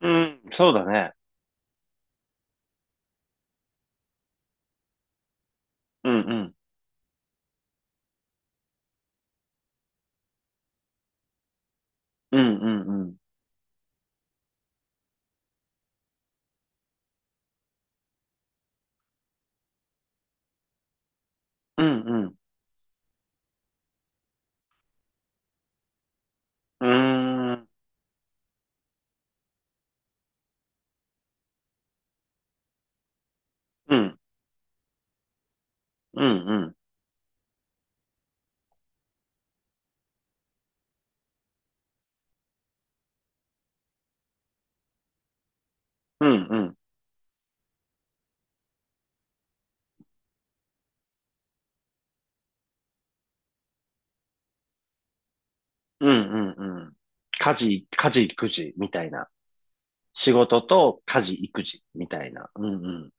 うん、そうだね。うんうん、うんうんうん、うんうん、うーん、うん、うんうん、うんうん、うんうんうん。家事、家事、育児みたいな。仕事と家事、育児みたいな。うんうん、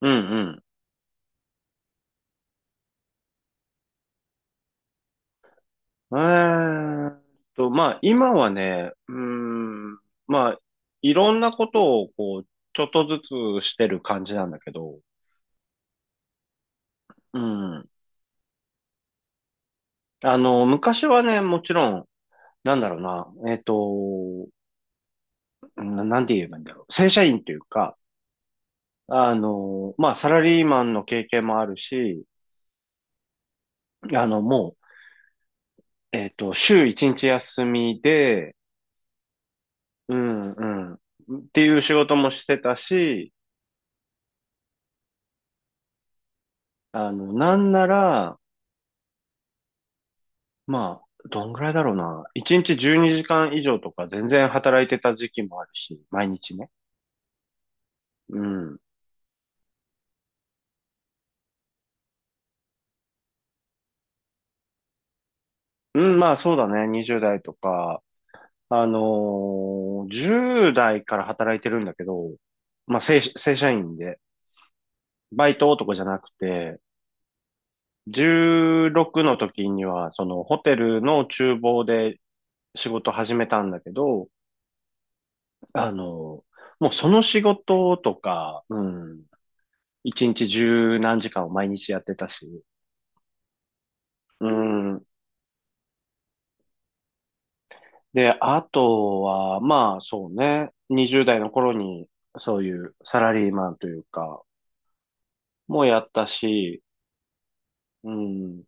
うんうん。まあ今はね、まあいろんなことをこう、ちょっとずつしてる感じなんだけど、うん。あの、昔はね、もちろん、なんだろうな、なんて言えばいいんだろう。正社員というか、あの、まあ、サラリーマンの経験もあるし、あの、もう、週一日休みで、うん、うん、っていう仕事もしてたし、あの、なんなら、まあ、どんぐらいだろうな。一日12時間以上とか全然働いてた時期もあるし、毎日ね。うん。うん、まあそうだね。20代とか、あのー10代から働いてるんだけど、まあ正社員で。バイト男じゃなくて、16の時には、そのホテルの厨房で仕事始めたんだけど、あの、もうその仕事とか、うん、1日十何時間を毎日やってたし、うん。で、あとは、まあそうね、20代の頃にそういうサラリーマンというか、もやったし、うん、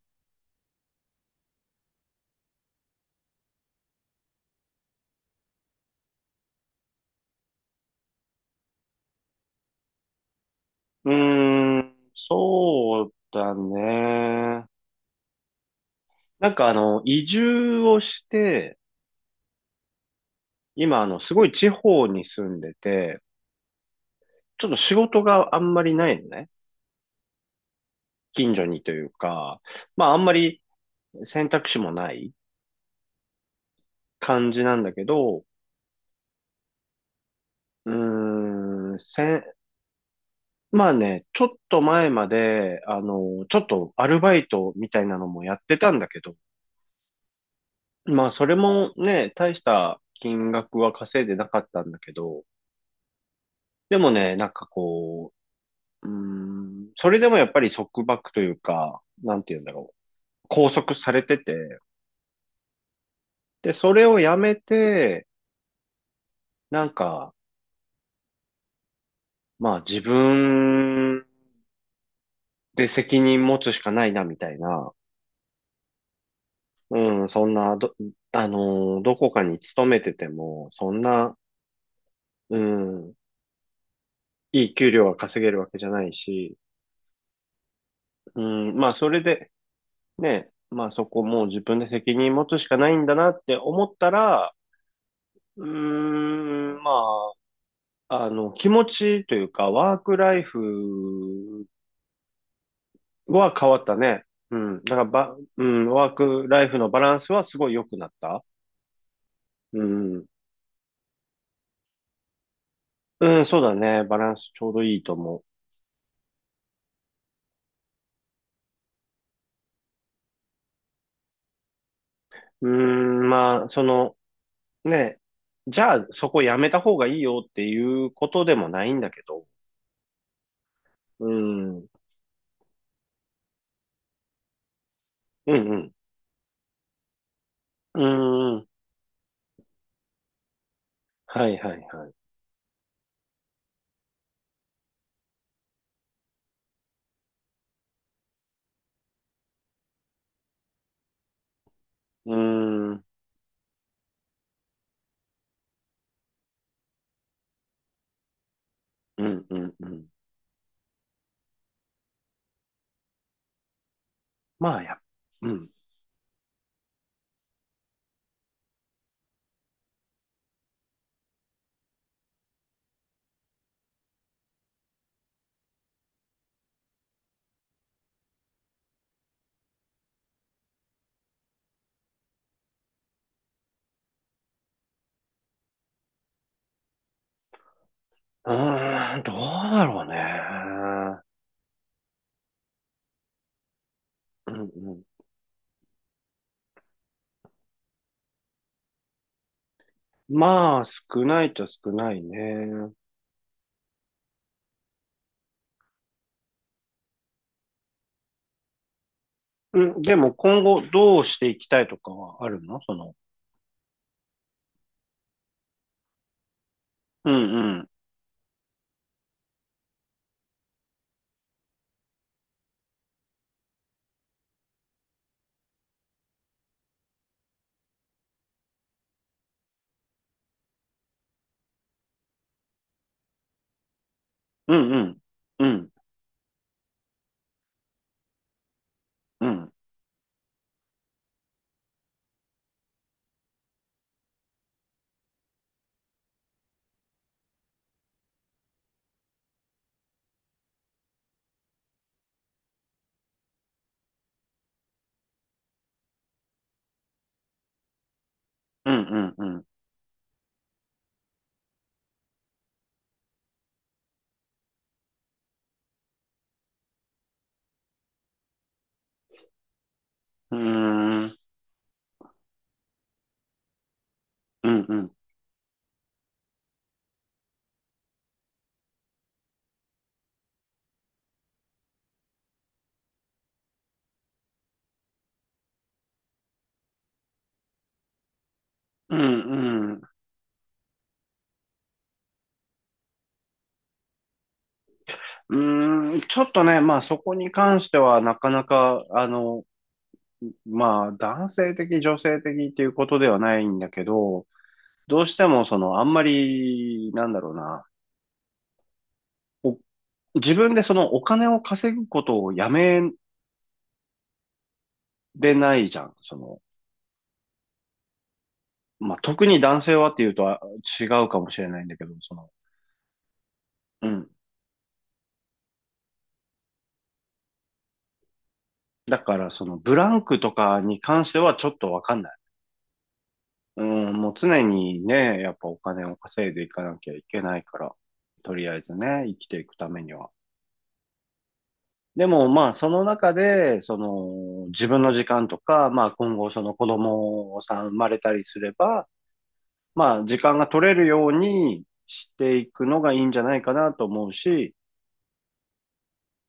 うーん、そうだね。なんかあの、移住をして、今あの、すごい地方に住んでて、ちょっと仕事があんまりないのね。近所にというか、まああんまり選択肢もない感じなんだけど、うーん、せん、まあね、ちょっと前まで、あの、ちょっとアルバイトみたいなのもやってたんだけど、まあそれもね、大した金額は稼いでなかったんだけど、でもね、なんかこう、うーん、それでもやっぱり束縛というか、なんて言うんだろう。拘束されてて、で、それをやめて、なんか、まあ自分で責任持つしかないな、みたいな。うん、そんな、どこかに勤めてても、そんな、うん、いい給料が稼げるわけじゃないし、うん、まあそれで、ね、まあそこもう自分で責任持つしかないんだなって思ったら、うーん、まあ、あの、気持ちというか、ワークライフは変わったね。うん。だから、うん、ワークライフのバランスはすごい良くなった。うん。うん、そうだね。バランスちょうどいいと思う。うーん、まあ、その、ね、じゃあそこやめた方がいいよっていうことでもないんだけど。うん。うんうん。うん。はいはいはい。うん。うんうんうん。まあ、うん。うーん、どうだろうね。うんまあ、少ないと少ないね。うん、でも今後どうしていきたいとかはあるのその、うんうん、うんうん、うん、うん、うん、うん、うん、うん、うん、うん、うん、うん、うん、うんちょっとね、まあそこに関してはなかなか、あの、まあ男性的、女性的っていうことではないんだけど、どうしてもその、あんまり、なんだろうな、お自分でそのお金を稼ぐことをやめれないじゃん、その、まあ、特に男性はっていうとは違うかもしれないんだけど、その、うん。だから、その、ブランクとかに関してはちょっとわかんない。うん、もう常にね、やっぱお金を稼いでいかなきゃいけないから、とりあえずね、生きていくためには。でも、まあ、その中で、その、自分の時間とか、まあ、今後、その子供さん生まれたりすれば、まあ、時間が取れるようにしていくのがいいんじゃないかなと思うし、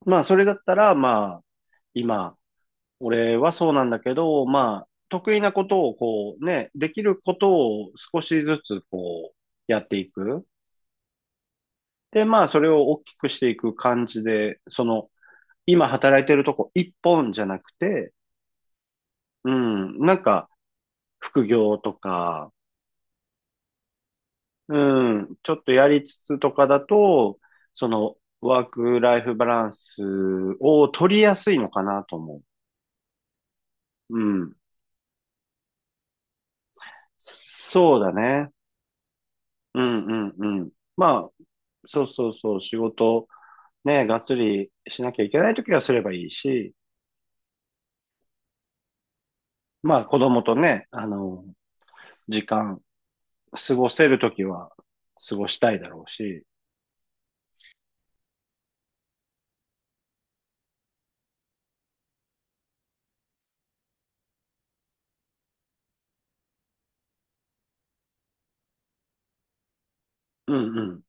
まあ、それだったら、まあ、今、俺はそうなんだけど、まあ、得意なことをこうね、できることを少しずつこうやっていく。で、まあ、それを大きくしていく感じで、その、今働いてるとこ一本じゃなくて、うん、なんか副業とか、うん、ちょっとやりつつとかだと、その、ワークライフバランスを取りやすいのかなと思う。うん。そうだね。うんうんうん。まあ、そうそうそう、仕事、ね、がっつりしなきゃいけないときはすればいいし、まあ子供とね、あの、時間、過ごせるときは過ごしたいだろうし、うん